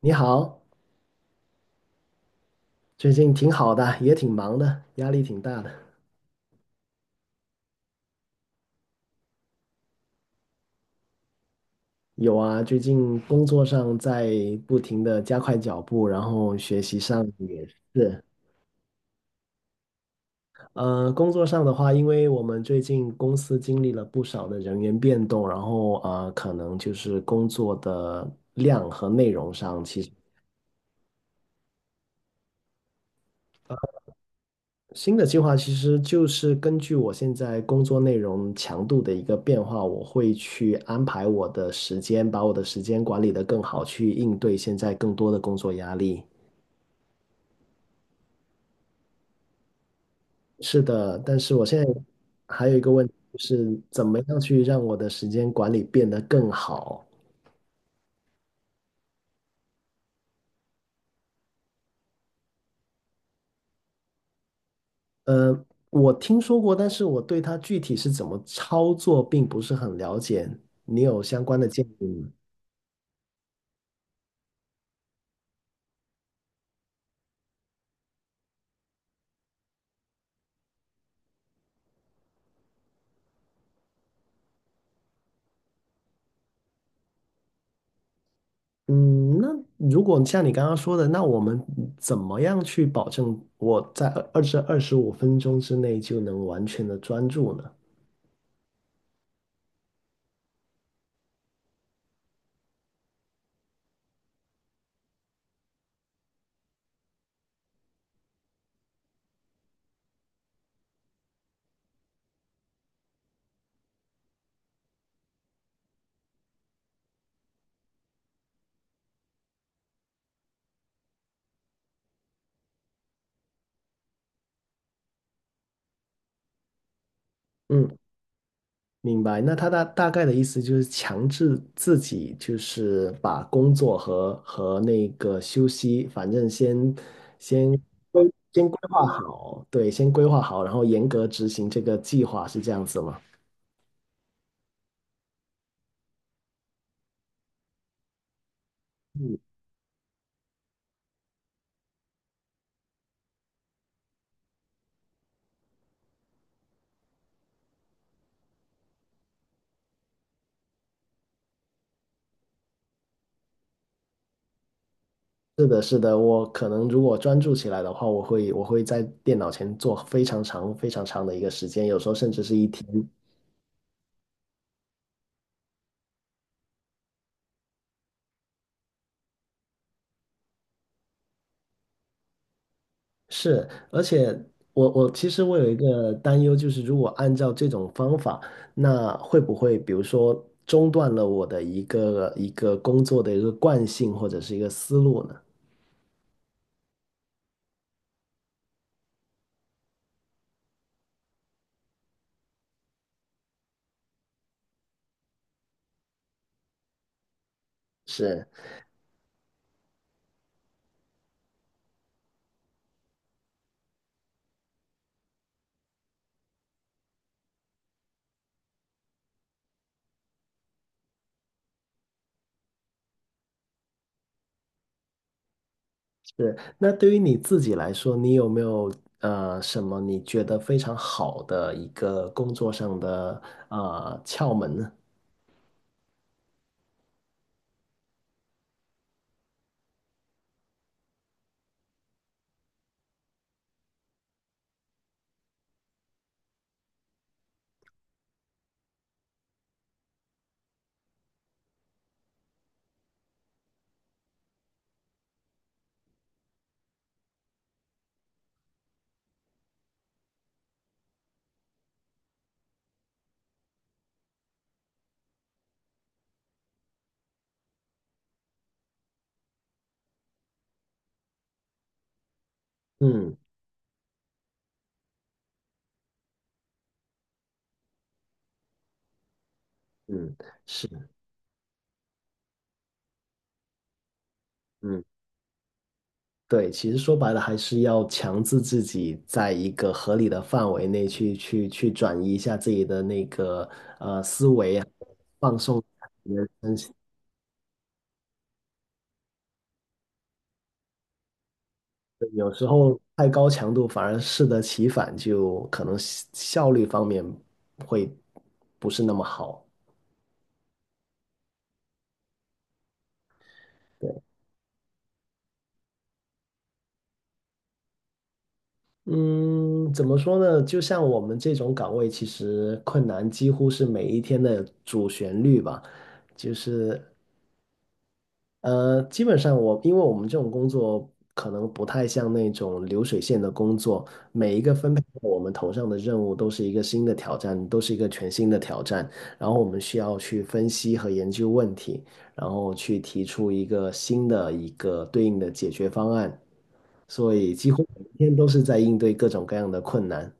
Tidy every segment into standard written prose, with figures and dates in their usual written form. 你好，最近挺好的，也挺忙的，压力挺大的。有啊，最近工作上在不停的加快脚步，然后学习上也是。工作上的话，因为我们最近公司经历了不少的人员变动，然后可能就是工作的量和内容上，其实新的计划其实就是根据我现在工作内容强度的一个变化，我会去安排我的时间，把我的时间管理得更好，去应对现在更多的工作压力。是的，但是我现在还有一个问题，就是怎么样去让我的时间管理变得更好？呃，我听说过，但是我对它具体是怎么操作并不是很了解。你有相关的建议吗？嗯，那如果像你刚刚说的，那我们怎么样去保证我在二十五分钟之内就能完全的专注呢？嗯，明白。那他大概的意思就是强制自己，就是把工作和那个休息，反正先规先规划好，对，先规划好，然后严格执行这个计划，是这样子吗？嗯，是的，是的，我可能如果专注起来的话，我会在电脑前做非常长、非常长的一个时间，有时候甚至是一天。是，而且我其实我有一个担忧，就是如果按照这种方法，那会不会比如说中断了我的一个工作的一个惯性或者是一个思路呢？是是，那对于你自己来说，你有没有什么你觉得非常好的一个工作上的窍门呢？嗯嗯，是，嗯，对，其实说白了还是要强制自己在一个合理的范围内去转移一下自己的那个思维啊，放松一下你的身心。有时候太高强度反而适得其反，就可能效率方面会不是那么好。嗯，怎么说呢？就像我们这种岗位，其实困难几乎是每一天的主旋律吧。就是基本上我，因为我们这种工作可能不太像那种流水线的工作，每一个分配到我们头上的任务都是一个新的挑战，都是一个全新的挑战。然后我们需要去分析和研究问题，然后去提出一个新的一个对应的解决方案。所以几乎每天都是在应对各种各样的困难。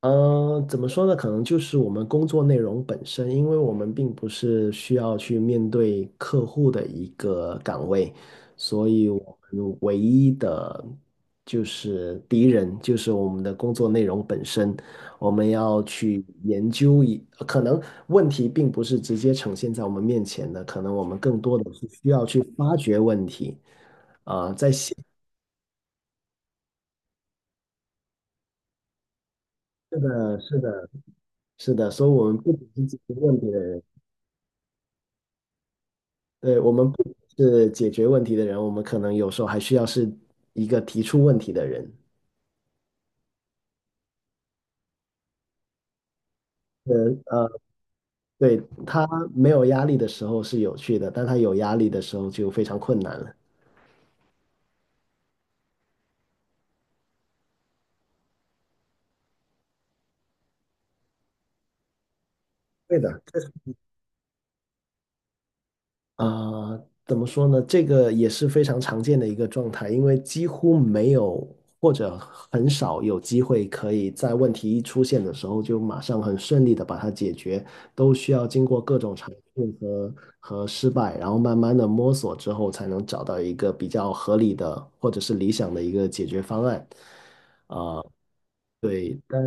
嗯，怎么说呢？可能就是我们工作内容本身，因为我们并不是需要去面对客户的一个岗位，所以我们唯一的就是敌人就是我们的工作内容本身。我们要去研究一，可能问题并不是直接呈现在我们面前的，可能我们更多的是需要去发掘问题。啊、在现，是的，是的，所以我们不仅是解决问题的人。对，我们不是解决问题的人，我们可能有时候还需要是一个提出问题的人。呃，对，他没有压力的时候是有趣的，但他有压力的时候就非常困难了。对的，啊、怎么说呢？这个也是非常常见的一个状态，因为几乎没有或者很少有机会可以在问题一出现的时候就马上很顺利的把它解决，都需要经过各种尝试和失败，然后慢慢的摸索之后，才能找到一个比较合理的或者是理想的一个解决方案。啊、对，但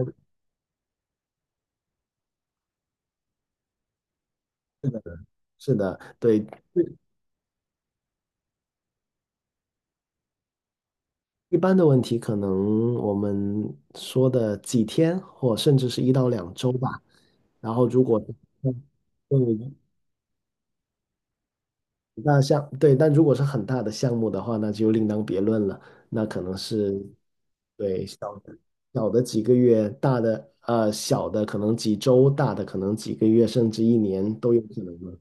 是的，对。一般的问题，可能我们说的几天，或甚至是一到两周吧。然后，如果嗯，嗯，那像对，但如果是很大的项目的话，那就另当别论了。那可能是对小的几个月，大的小的可能几周，大的可能几个月，甚至一年都有可能的。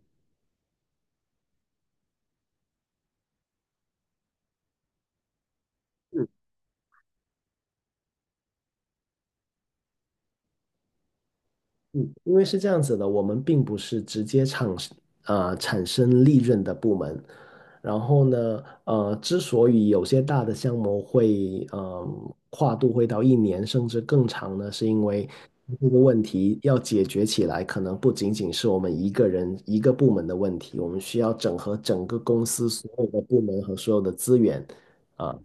嗯，因为是这样子的，我们并不是直接产生利润的部门。然后呢，之所以有些大的项目会跨度会到一年甚至更长呢，是因为这个问题要解决起来，可能不仅仅是我们一个人一个部门的问题，我们需要整合整个公司所有的部门和所有的资源。啊，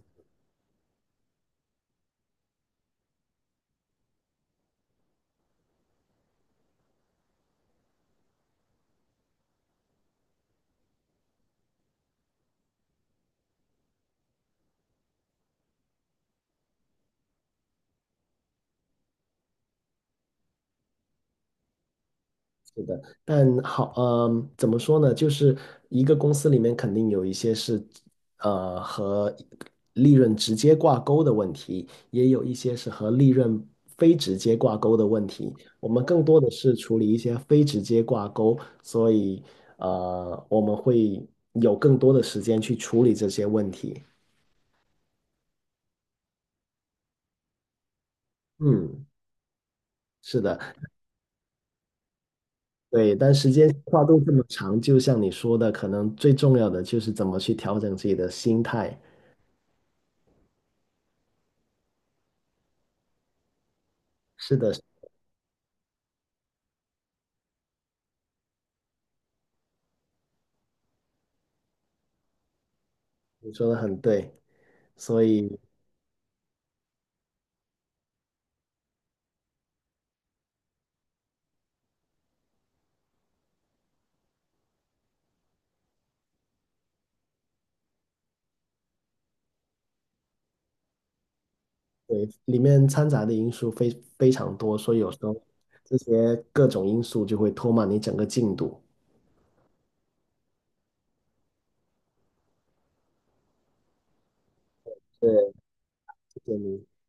但好，嗯，怎么说呢？就是一个公司里面肯定有一些是，和利润直接挂钩的问题，也有一些是和利润非直接挂钩的问题。我们更多的是处理一些非直接挂钩，所以，我们会有更多的时间去处理这些问题。嗯，是的，对，但时间跨度这么长，就像你说的，可能最重要的就是怎么去调整自己的心态。是的。你说的很对，所以对里面掺杂的因素非常多，所以有时候这些各种因素就会拖慢你整个进度。对，谢谢你。